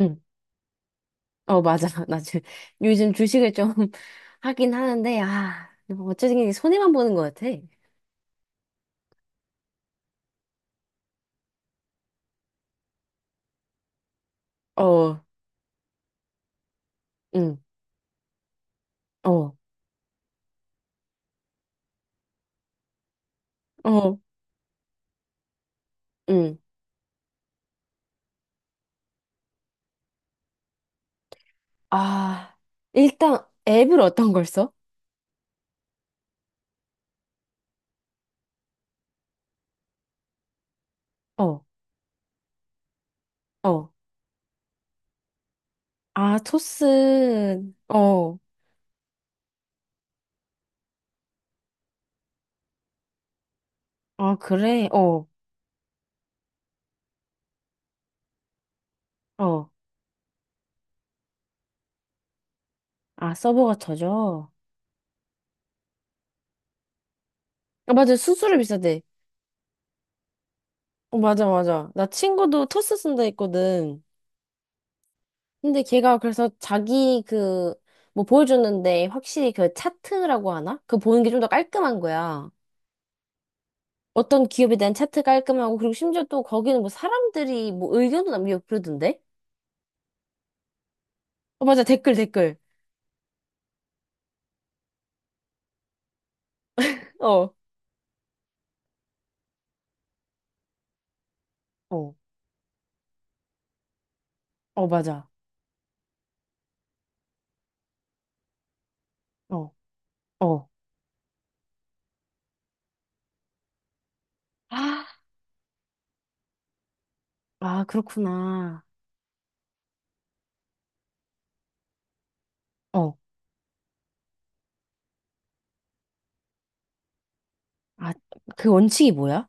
응. 어, 맞아. 요즘 주식을 좀 하긴 하는데, 아, 어쨌든 손해만 보는 것 같아. 어, 응, 어, 어, 응. 아, 일단 앱을 어떤 걸 써? 어, 어. 아, 토스, 어, 아, 그래, 어, 어. 아, 서버가 터져. 아, 맞아. 수수료 비싸대. 어, 맞아, 맞아. 나 친구도 토스 쓴다 했거든. 근데 걔가 그래서 자기 그, 뭐 보여줬는데 확실히 그 차트라고 하나? 그 보는 게 좀 더 깔끔한 거야. 어떤 기업에 대한 차트 깔끔하고, 그리고 심지어 또 거기는 뭐 사람들이 뭐 의견도 남기고 그러던데? 어, 맞아. 댓글, 댓글. 어, 어, 어, 맞아. 어, 어, 아, 아, 그렇구나. 어. 아, 그 원칙이 뭐야?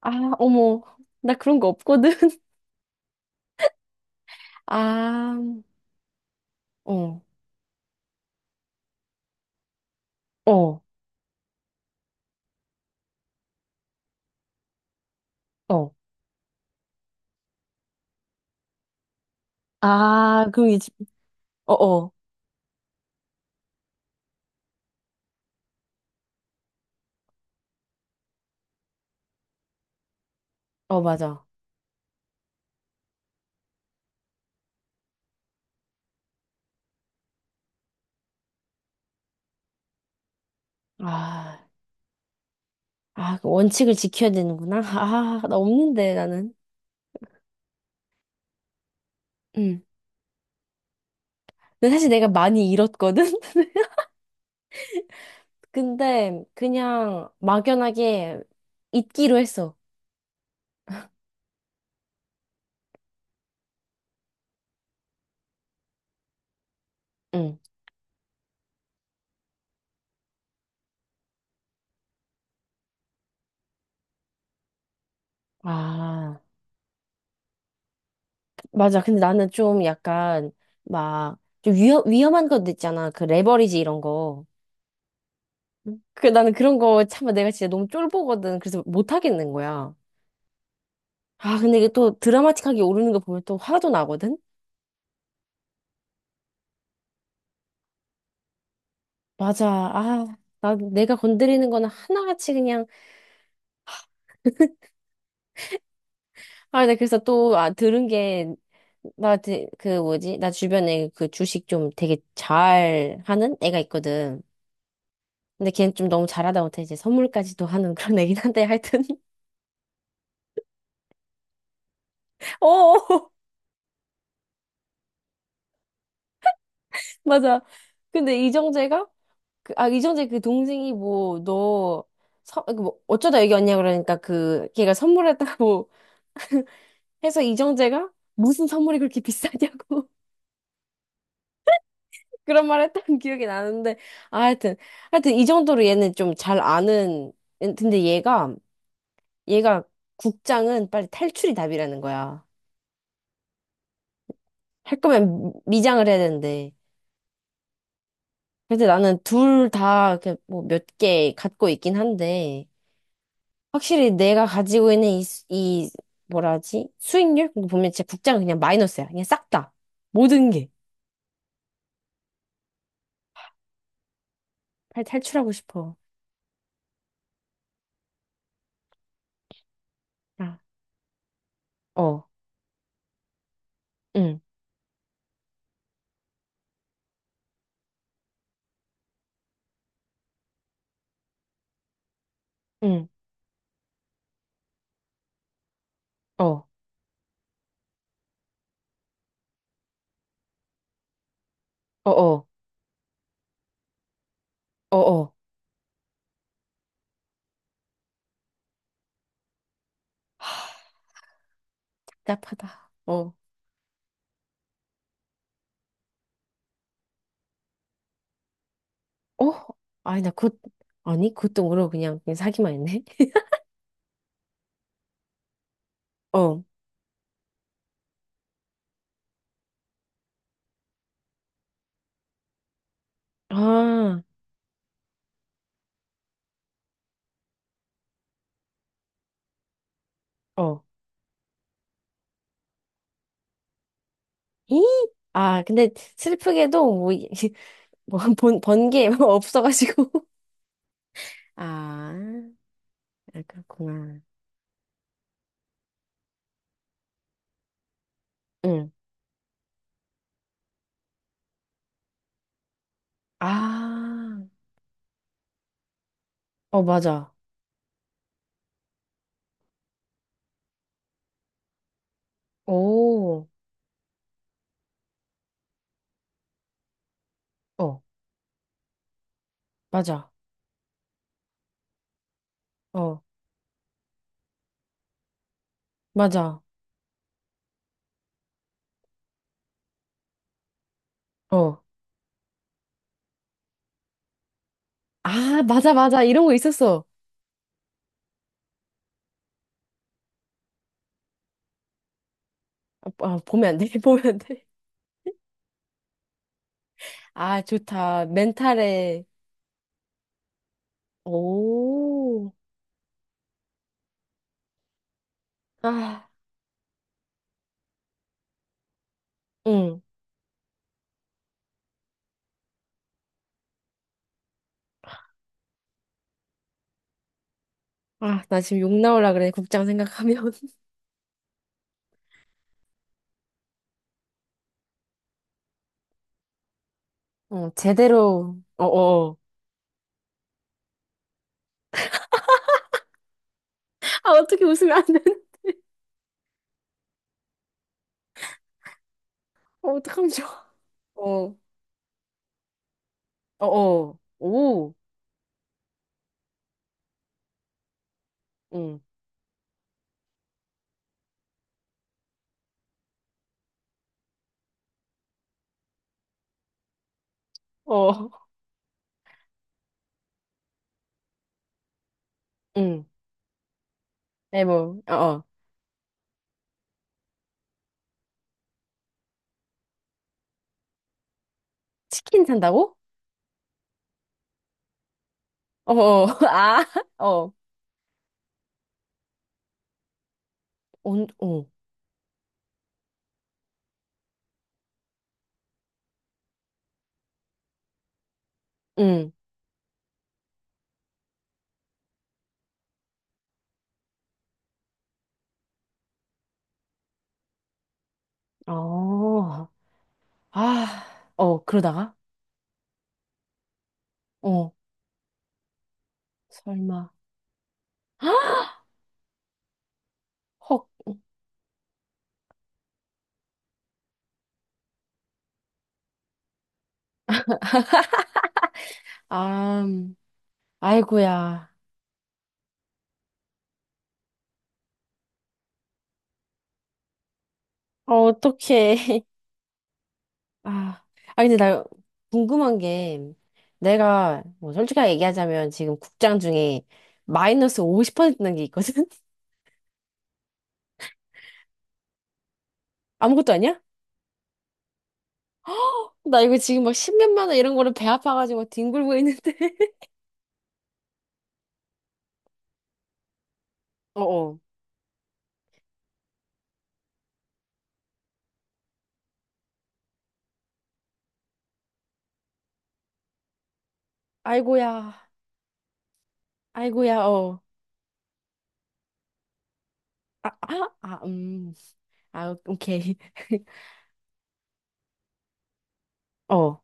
아, 어머. 나 그런 거 없거든. 아, 어, 어, 어. 아, 그럼 이제, 어, 어. 어, 맞아. 아. 아, 그 원칙을 지켜야 되는구나. 아, 나 없는데, 나는. 응. 근데 사실 내가 많이 잃었거든? 근데 그냥 막연하게 잊기로 했어. 응. 아, 맞아. 근데 나는 좀 약간 막 좀 위험한 것도 있잖아. 그 레버리지 이런 거. 응. 그 나는 그런 거 참 내가 진짜 너무 쫄보거든. 그래서 못 하겠는 거야. 아, 근데 이게 또 드라마틱하게 오르는 거 보면 또 화도 나거든? 맞아. 아, 나 내가 건드리는 거는 하나같이 그냥. 아, 나 그래서 또, 아, 들은 게, 나, 그, 뭐지? 나 주변에 그 주식 좀 되게 잘 하는 애가 있거든. 근데 걔는 좀 너무 잘하다 못해 이제 선물까지도 하는 그런 애긴 한데, 하여튼. 어, 맞아. 근데 이정재가? 그, 아, 이정재 그 동생이 뭐, 그뭐 어쩌다 여기 왔냐 그러니까 그, 걔가 선물했다고 해서 이정재가 무슨 선물이 그렇게 비싸냐고. 그런 말 했던 기억이 나는데, 아, 하여튼, 하여튼 이 정도로 얘는 좀 잘 아는, 근데 얘가 국장은 빨리 탈출이 답이라는 거야. 할 거면 미장을 해야 되는데. 근데 나는 둘 다 뭐 몇 개 갖고 있긴 한데, 확실히 내가 가지고 있는 이, 이 뭐라 하지? 수익률? 그거 보면 진짜 국장은 그냥 마이너스야. 그냥 싹 다. 모든 게. 빨리 탈출하고 싶어. 아, 어, 응, 응, 어, 어, 어, 어, 어. 답답하다. 어, 어? 아니, 나 곧, 아니, 곧동으로 그냥, 사기만 했네. 어, 아, 어, 이? 아, 근데 슬프게도 뭐, 뭐 번개 없어가지고. 아, 아, 그렇구나. 응. 아, 어, 맞아. 오, 어, 맞아. 어, 맞아. 어. 아, 맞아, 맞아. 이런 거 있었어. 아, 아, 보면 안 돼. 보면 안 돼. 아, 좋다. 멘탈에. 오. 아, 응. 아, 나 지금 욕 나올라 그래, 국장 생각하면. 어, 제대로, 어어, 아, 어떻게 웃으면 안 되는? 어, 어떡하면 좋아. 어, 어어, 오, 응, 어. 응, 에 뭐, 어어, 치킨 산다고? 어어, 아, 어, 온, 어, 응, 어, 아, 어, 그러다가, 어, 설마, 헉, 아, 아이고야, 어, 어떡해. 아, 아 근데 나 궁금한 게, 내가 뭐 솔직하게 얘기하자면 지금 국장 중에 마이너스 50%난 게 있거든? 아무것도 아니야? 나 이거 지금 막 10몇만 원 이런 거를 배 아파가지고 뒹굴고 있는데. 어어. 아이고야. 아이고야. 어. 아, 아, 아, 아, 오케이. 어.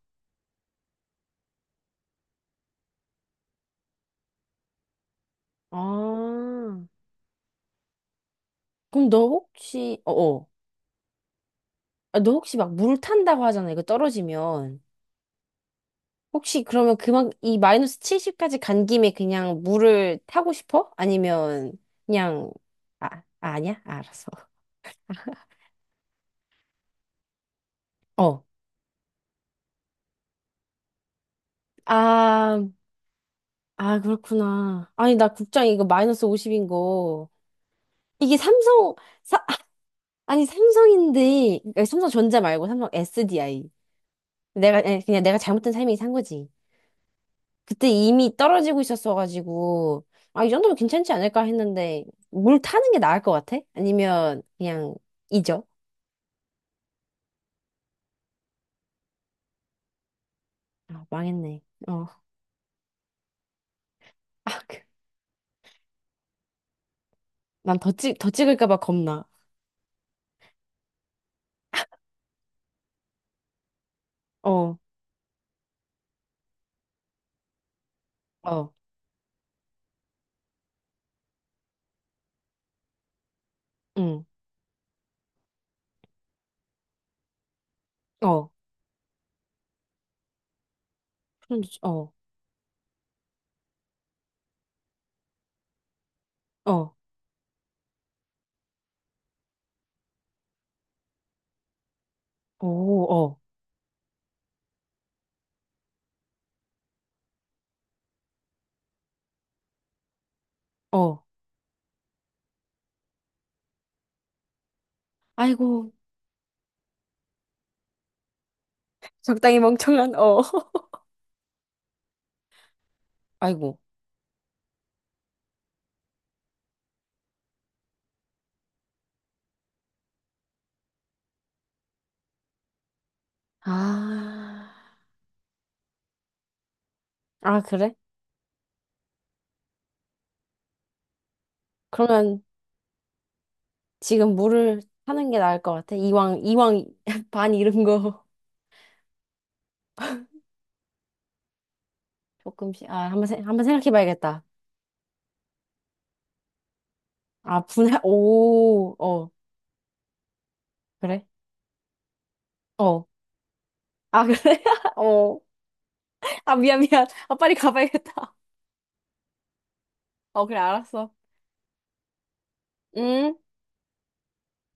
아. 그럼 너 혹시 어어. 아, 너 혹시 막 물 탄다고 하잖아. 이거 떨어지면. 혹시 그러면 그만, 이 마이너스 70까지 간 김에 그냥 물을 타고 싶어? 아니면 그냥, 아, 아, 아니야? 아, 알았어. 어. 아, 아, 그렇구나. 아니, 나 국장 이거 마이너스 50인 거. 이게 삼성, 사, 아니, 삼성인데, 아니, 삼성전자 말고 삼성 SDI. 내가, 아니, 그냥 내가 잘못된 삶이 산 거지. 그때 이미 떨어지고 있었어가지고, 아, 이 정도면 괜찮지 않을까 했는데, 물 타는 게 나을 것 같아? 아니면 그냥 잊어? 아, 망했네. 어. 아, 그, 난더 더 찍을까 봐 겁나. 어, 어, 응, 어, 푸른 주 어, 어, 오, 어, 어. 아이고, 적당히 멍청한, 어. 아이고. 아, 아, 그래? 그러면 지금 물을 타는 게 나을 것 같아. 이왕, 이왕 반 잃은 거 조금씩. 아, 한번 생각해 봐야겠다. 아, 분해, 오, 어, 그래? 어. 아, 그래? 어. 아, 미안, 미안. 아, 빨리 가봐야겠다. 어, 그래, 알았어. 응?